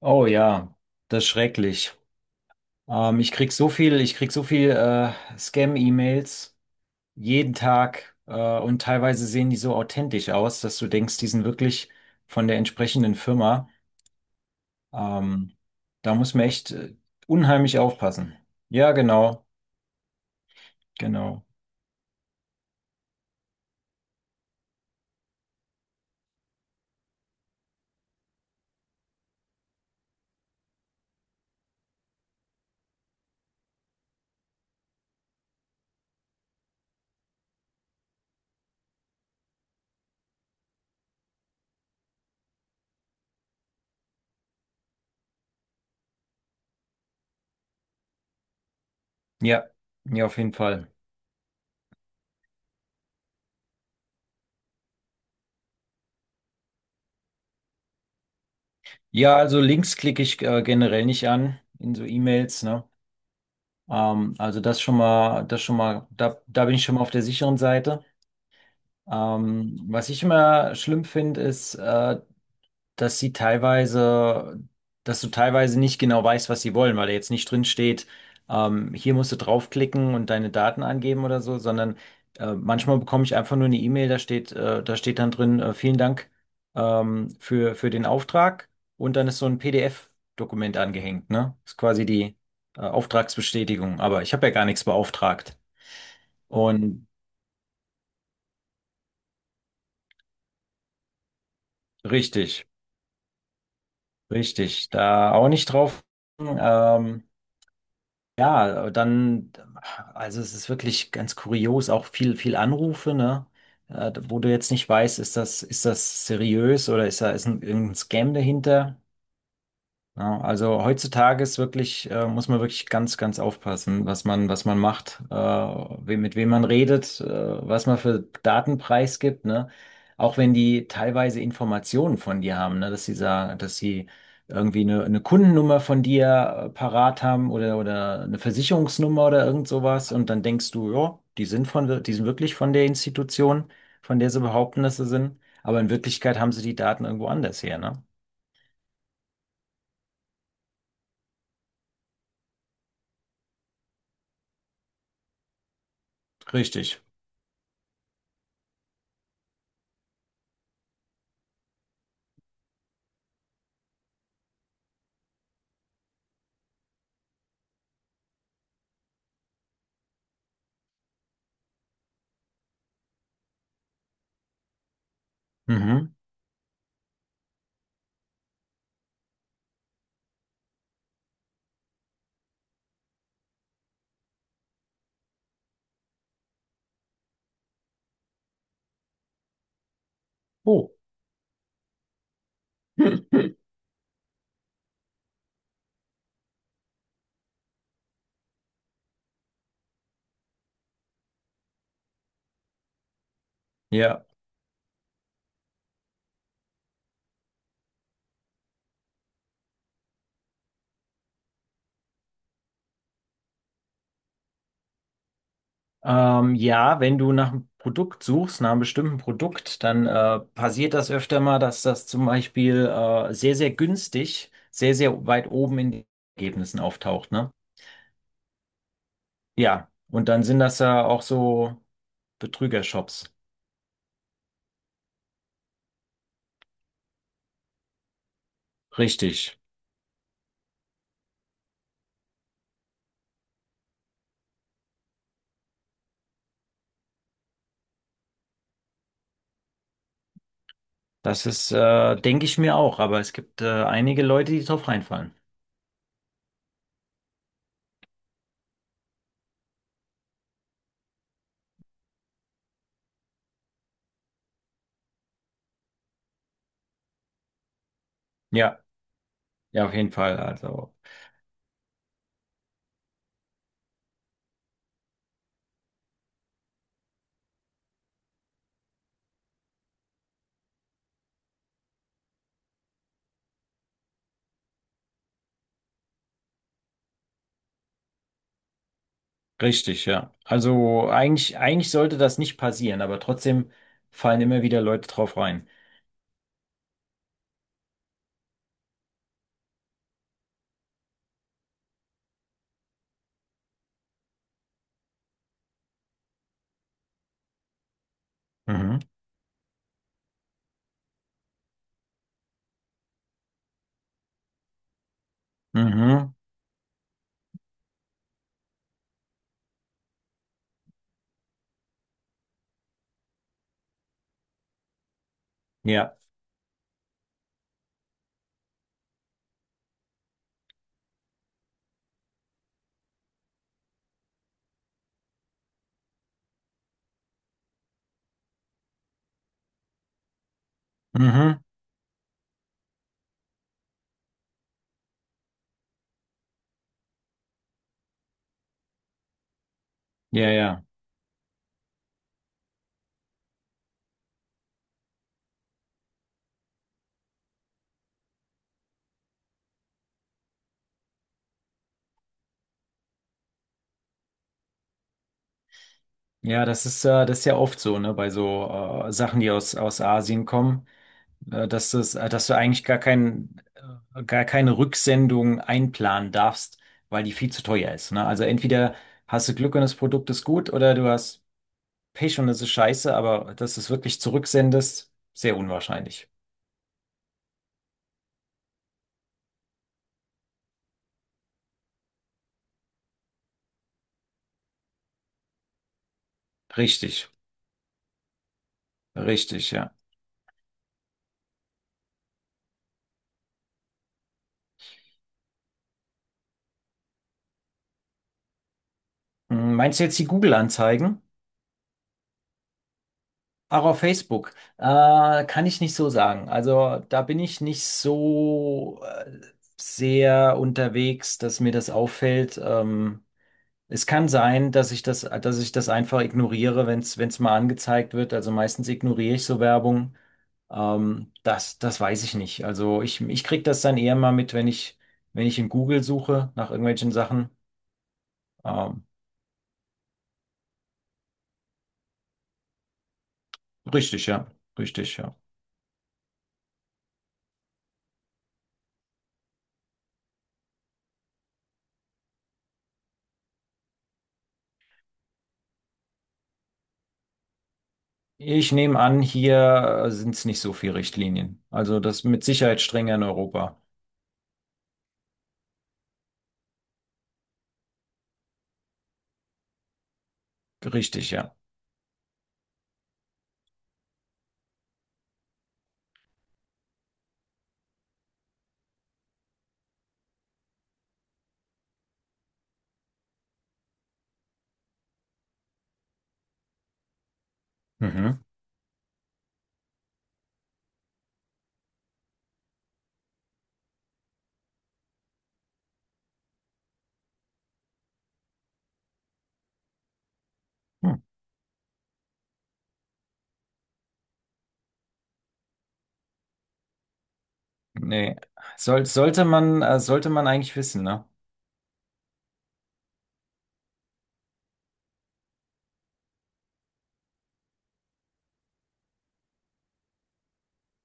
Oh ja, das ist schrecklich. Ich krieg so viel Scam-E-Mails jeden Tag, und teilweise sehen die so authentisch aus, dass du denkst, die sind wirklich von der entsprechenden Firma. Ähm, Da muss man echt unheimlich aufpassen. Ja, genau, genau. Ja, ja, auf jeden Fall. Ja, also Links klicke ich generell nicht an in so E-Mails, ne? Also das schon mal, da bin ich schon mal auf der sicheren Seite. Was ich immer schlimm finde, ist, dass sie teilweise, dass du teilweise nicht genau weißt, was sie wollen, weil da jetzt nicht drin steht, hier musst du draufklicken und deine Daten angeben oder so, sondern manchmal bekomme ich einfach nur eine E-Mail, da steht dann drin, vielen Dank für den Auftrag und dann ist so ein PDF-Dokument angehängt, ne? Ist quasi die Auftragsbestätigung, aber ich habe ja gar nichts beauftragt. Und richtig. Richtig, da auch nicht drauf. Ähm, ja, dann, also es ist wirklich ganz kurios, auch viel Anrufe, ne? Wo du jetzt nicht weißt, ist das seriös oder ist ein, irgendein Scam dahinter? Ja, also heutzutage ist wirklich, muss man wirklich ganz aufpassen, was man macht, we mit wem man redet, was man für Daten preisgibt, ne? Auch wenn die teilweise Informationen von dir haben, ne? Dass sie sagen, dass sie irgendwie eine Kundennummer von dir parat haben oder eine Versicherungsnummer oder irgend sowas und dann denkst du, ja, die sind wirklich von der Institution, von der sie behaupten, dass sie sind. Aber in Wirklichkeit haben sie die Daten irgendwo anders her, ne? Richtig. Mhm. Oh. Ja. Ja, wenn du nach einem Produkt suchst, nach einem bestimmten Produkt, dann passiert das öfter mal, dass das zum Beispiel sehr günstig, sehr weit oben in den Ergebnissen auftaucht, ne? Ja, und dann sind das ja auch so Betrügershops. Richtig. Das ist, denke ich mir auch, aber es gibt einige Leute, die drauf reinfallen. Ja, ja, auf jeden Fall. Also. Richtig, ja. Also eigentlich sollte das nicht passieren, aber trotzdem fallen immer wieder Leute drauf rein. Mhm. Mhm. Ja. Mhm. Ja, ja. Ja, das ist ja oft so, ne, bei so Sachen, die aus Asien kommen, dass das, dass du eigentlich gar kein, gar keine Rücksendung einplanen darfst, weil die viel zu teuer ist, ne? Also entweder hast du Glück und das Produkt ist gut oder du hast Pech und es ist scheiße, aber dass du es wirklich zurücksendest, sehr unwahrscheinlich. Richtig. Richtig, ja. Hm, meinst du jetzt die Google-Anzeigen? Auch auf Facebook? Kann ich nicht so sagen. Also da bin ich nicht so sehr unterwegs, dass mir das auffällt. Es kann sein, dass ich das einfach ignoriere, wenn es mal angezeigt wird. Also meistens ignoriere ich so Werbung. Das weiß ich nicht. Also ich kriege das dann eher mal mit, wenn ich in Google suche nach irgendwelchen Sachen. Ähm, richtig, ja. Richtig, ja. Ich nehme an, hier sind es nicht so viele Richtlinien. Also das mit Sicherheit strenger in Europa. Richtig, ja. Mhm. Hm. Nee. Sollte man eigentlich wissen, ne?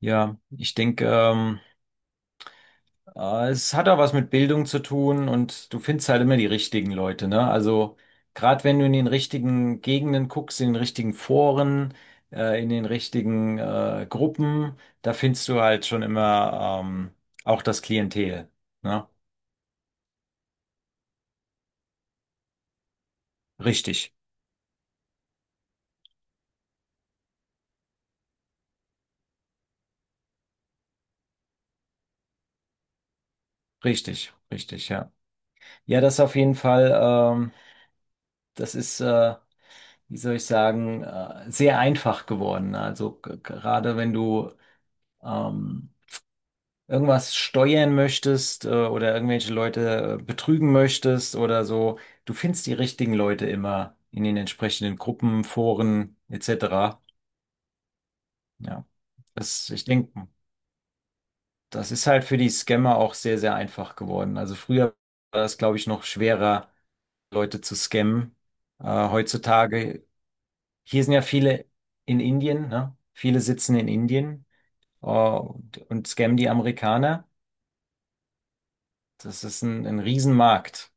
Ja, ich denke, es hat auch was mit Bildung zu tun und du findest halt immer die richtigen Leute, ne? Also gerade wenn du in den richtigen Gegenden guckst, in den richtigen Foren, in den richtigen Gruppen, da findest du halt schon immer auch das Klientel, ne? Richtig. Richtig, richtig, ja. Ja, das auf jeden Fall, das ist, wie soll ich sagen, sehr einfach geworden. Also gerade wenn du ähm, irgendwas steuern möchtest, oder irgendwelche Leute betrügen möchtest oder so, du findest die richtigen Leute immer in den entsprechenden Gruppen, Foren etc. Ja, ich denke. Das ist halt für die Scammer auch sehr einfach geworden. Also früher war das, glaube ich, noch schwerer, Leute zu scammen. Äh, heutzutage, hier sind ja viele in Indien, ne? Viele sitzen in Indien, und scammen die Amerikaner. Das ist ein Riesenmarkt.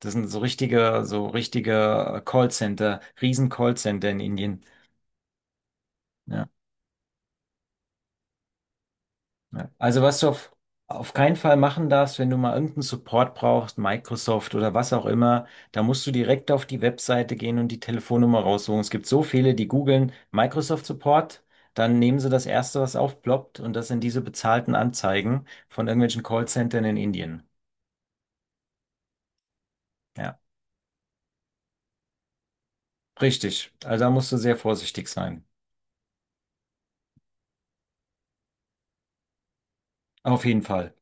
Das sind so richtige Callcenter, Riesen-Callcenter in Indien. Ja. Ja. Also was du auf keinen Fall machen darfst, wenn du mal irgendeinen Support brauchst, Microsoft oder was auch immer, da musst du direkt auf die Webseite gehen und die Telefonnummer raussuchen. Es gibt so viele, die googeln Microsoft Support, dann nehmen sie das Erste, was aufploppt und das sind diese bezahlten Anzeigen von irgendwelchen Callcentern in Indien. Ja, richtig. Also da musst du sehr vorsichtig sein. Auf jeden Fall.